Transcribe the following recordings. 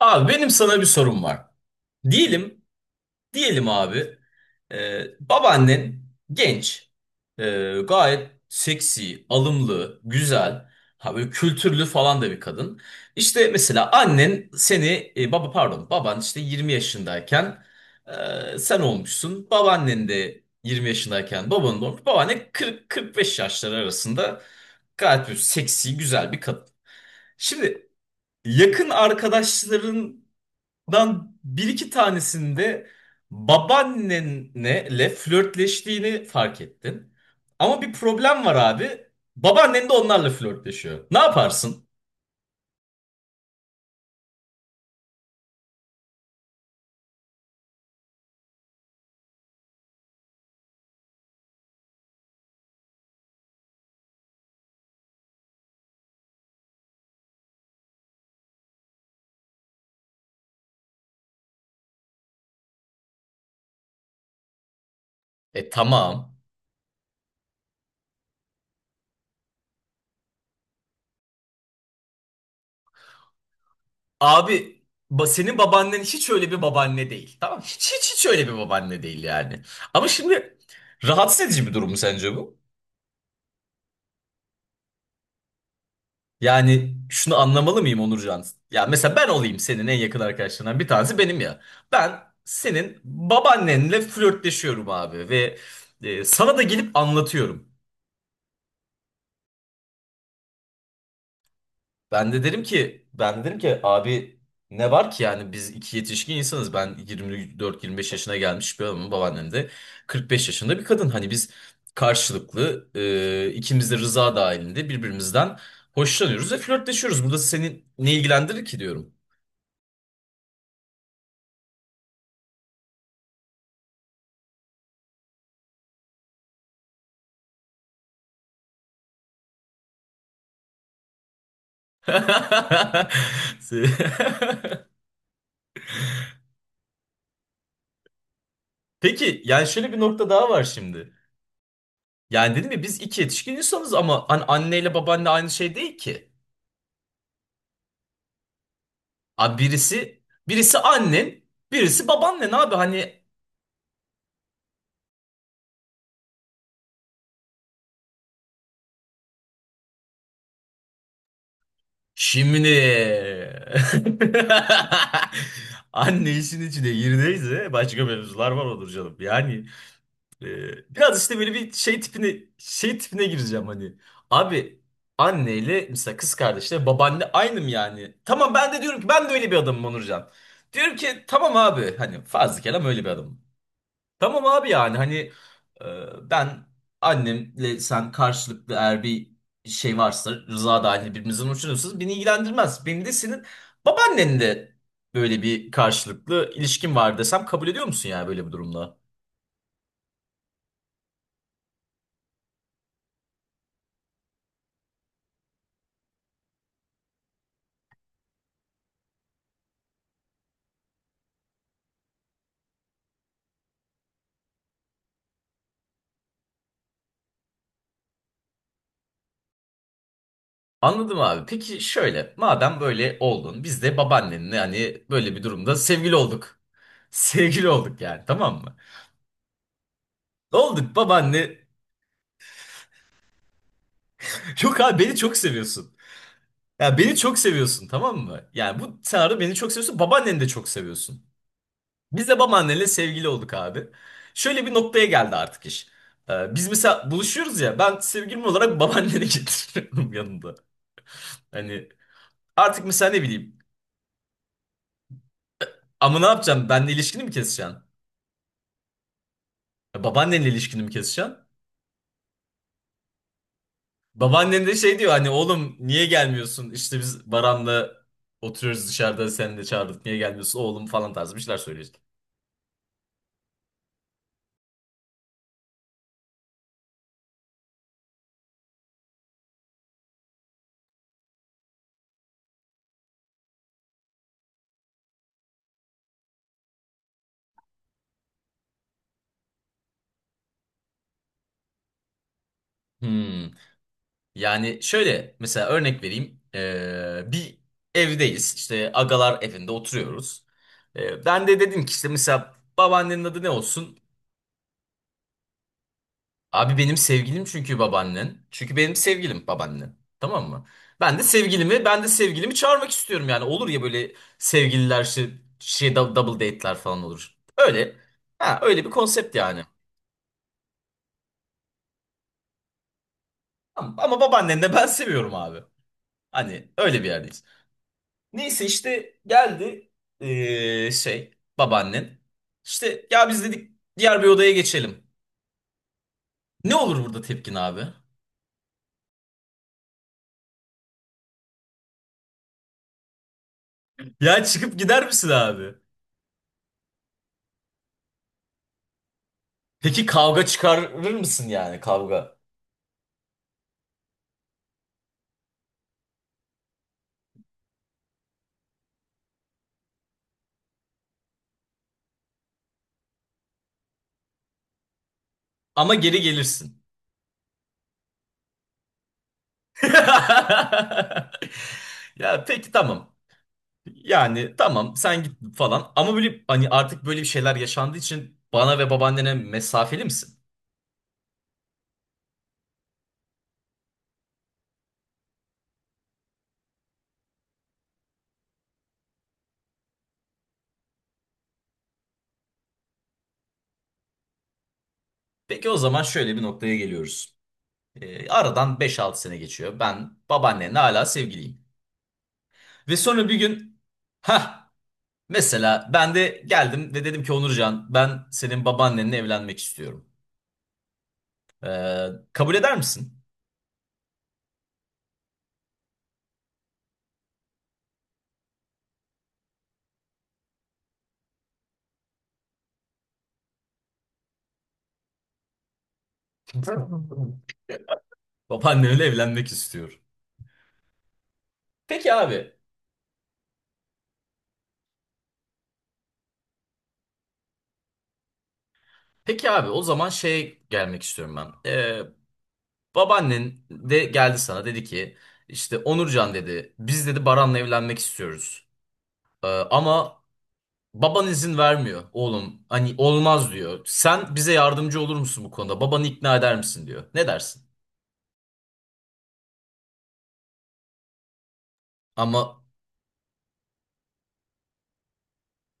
Abi benim sana bir sorum var. Diyelim, diyelim abi, babaannen genç, e, gayet seksi, alımlı, güzel, ha böyle kültürlü falan da bir kadın. İşte mesela annen seni, baba pardon, baban işte 20 yaşındayken sen olmuşsun. Babaannen de 20 yaşındayken babanın da olmuş. Babaanne 40-45 yaşları arasında gayet bir seksi, güzel bir kadın. Şimdi yakın arkadaşların ben bir iki tanesinde babaannenle flörtleştiğini fark ettin. Ama bir problem var abi. Babaannen de onlarla flörtleşiyor. Ne yaparsın? E tamam. Abi senin babaannen hiç öyle bir babaanne değil. Tamam hiç öyle bir babaanne değil yani. Ama şimdi rahatsız edici bir durum mu sence bu? Yani şunu anlamalı mıyım, Onurcan? Ya mesela ben olayım, senin en yakın arkadaşlarından bir tanesi benim ya. Ben senin babaannenle flörtleşiyorum abi ve sana da gelip anlatıyorum. Ben de derim ki abi ne var ki, yani biz iki yetişkin insanız. Ben 24-25 yaşına gelmiş bir adamım, babaannem de 45 yaşında bir kadın. Hani biz karşılıklı ikimiz de rıza dahilinde birbirimizden hoşlanıyoruz ve flörtleşiyoruz. Burada seni ne ilgilendirir ki diyorum. Se- Peki yani şöyle bir nokta daha var şimdi. Yani dedim ya, biz iki yetişkin insanız ama hani anneyle babaanne aynı şey değil ki. Abi birisi annen, birisi babaannen abi hani şimdi anne işin içine girdiyse başka mevzular var, olur canım. Yani biraz işte böyle bir şey tipine gireceğim hani. Abi anneyle mesela kız kardeşle babaanne aynı mı yani? Tamam, ben de diyorum ki ben de öyle bir adamım Onurcan. Diyorum ki tamam abi, hani fazla kelam, öyle bir adamım. Tamam abi yani hani ben annemle sen karşılıklı, eğer bir şey varsa, rıza dahil birbirinizden hoşlanıyorsanız beni ilgilendirmez. Beni de senin babaannenle böyle bir karşılıklı ilişkin var desem kabul ediyor musun yani böyle bir durumda? Anladım abi. Peki şöyle, madem böyle oldun, biz de babaannenle hani böyle bir durumda sevgili olduk. Sevgili olduk yani, tamam mı? Olduk babaanne. Yok abi, beni çok seviyorsun. Ya beni çok seviyorsun, tamam mı? Yani bu senaryo, beni çok seviyorsun, babaanneni de çok seviyorsun. Biz de babaannenle sevgili olduk abi. Şöyle bir noktaya geldi artık iş. Biz mesela buluşuyoruz ya, ben sevgilim olarak babaanneni getiriyorum yanımda. Hani artık mesela ne bileyim, ama ne yapacağım, benle ilişkini mi keseceksin? Ya, babaannenle ilişkini mi keseceksin? Babaannen de şey diyor, hani oğlum niye gelmiyorsun? İşte biz Baran'la oturuyoruz dışarıda, seni de çağırdık niye gelmiyorsun oğlum falan tarzı bir şeyler söylüyor işte. Hmm. Yani şöyle mesela örnek vereyim. Bir evdeyiz işte, agalar evinde oturuyoruz. Ben de dedim ki işte mesela babaannenin adı ne olsun? Abi benim sevgilim çünkü babaannen. Çünkü benim sevgilim babaannen. Tamam mı? Ben de sevgilimi çağırmak istiyorum yani. Olur ya, böyle sevgililer şey, double date'ler falan olur. Öyle. Ha, öyle bir konsept yani. Ama, ama babaannen de ben seviyorum abi. Hani öyle bir yerdeyiz. Neyse işte geldi babaannen. İşte ya biz dedik diğer bir odaya geçelim. Ne olur burada tepkin abi? Ya çıkıp gider misin abi? Peki kavga çıkarır mısın yani, kavga? Ama geri gelirsin. Ya peki tamam. Yani tamam, sen git falan. Ama böyle hani artık böyle bir şeyler yaşandığı için bana ve babaannene mesafeli misin? Peki o zaman şöyle bir noktaya geliyoruz. Aradan beş altı sene geçiyor. Ben babaannenle hala sevgiliyim. Ve sonra bir gün ha mesela ben de geldim ve dedim ki Onurcan, ben senin babaannenle evlenmek istiyorum. Kabul eder misin? Babaannemle evlenmek istiyor. Peki abi. Peki abi, o zaman şey gelmek istiyorum ben. Babaannen de geldi sana dedi ki işte Onurcan dedi, biz dedi Baran'la evlenmek istiyoruz. Ama baban izin vermiyor oğlum. Hani olmaz diyor. Sen bize yardımcı olur musun bu konuda? Babanı ikna eder misin diyor. Ne dersin? Ama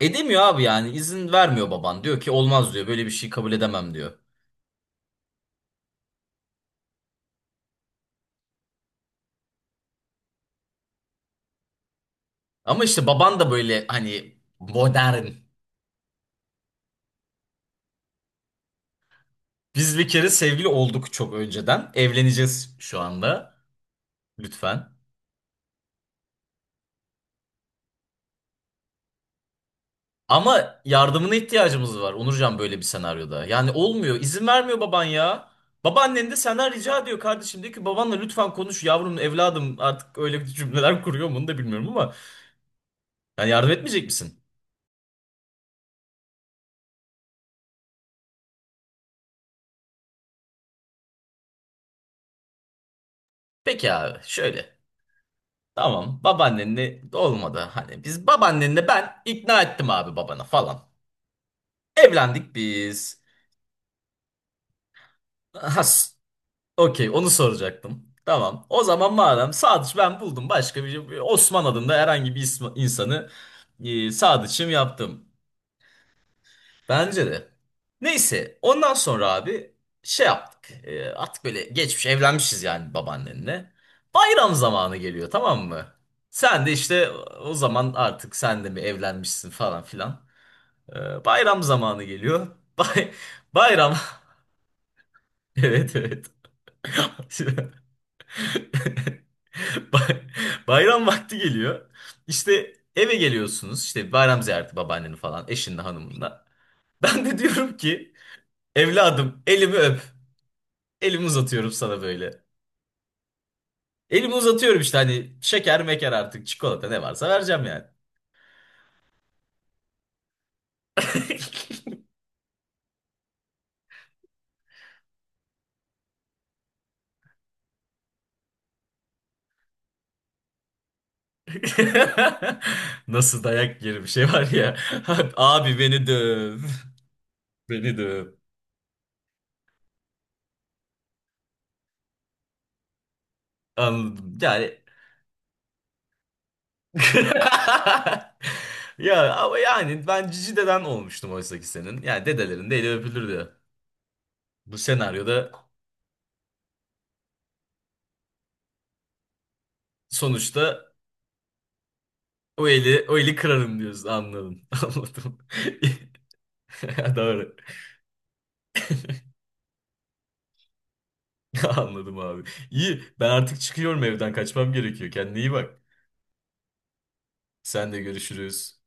edemiyor abi, yani izin vermiyor baban. Diyor ki olmaz diyor, böyle bir şey kabul edemem diyor. Ama işte baban da böyle hani modern. Biz bir kere sevgili olduk çok önceden. Evleneceğiz şu anda. Lütfen. Ama yardımına ihtiyacımız var Onurcan, böyle bir senaryoda. Yani olmuyor. İzin vermiyor baban ya. Babaannen de senden rica ediyor kardeşim. Diyor ki babanla lütfen konuş yavrum evladım. Artık öyle bir cümleler kuruyor mu onu da bilmiyorum ama. Yani yardım etmeyecek misin? Peki abi şöyle. Tamam, babaannenle olmadı. Hani biz babaannenle, ben ikna ettim abi babana falan. Evlendik biz. Has. Okey, onu soracaktım. Tamam. O zaman madem Sadıç ben buldum, başka bir Osman adında herhangi bir insanı Sadıç'ım yaptım. Bence de. Neyse ondan sonra abi şey yaptık. E, artık böyle geçmiş evlenmişiz yani babaannenle. Bayram zamanı geliyor, tamam mı? Sen de işte o zaman artık sen de mi evlenmişsin falan filan. E, bayram zamanı geliyor. Bay bayram. Evet, evet. Bay- Bayram vakti geliyor. İşte eve geliyorsunuz. İşte bayram ziyareti babaannenin falan, eşinle, hanımınla. Ben de diyorum ki evladım elimi öp. Elimi uzatıyorum sana böyle. Elimi uzatıyorum işte, hani şeker meker artık çikolata ne varsa vereceğim yani. Nasıl dayak yeri bir şey var ya. Abi beni döv. Beni döv. Anladım. Yani ya ama yani ben cici deden olmuştum oysa ki senin. Yani dedelerin de eli öpülürdü. Bu senaryoda sonuçta o eli kırarım diyorsun, anladım. Anladım. Doğru. Anladım abi. İyi, ben artık çıkıyorum, evden kaçmam gerekiyor. Kendine iyi bak. Sen de, görüşürüz.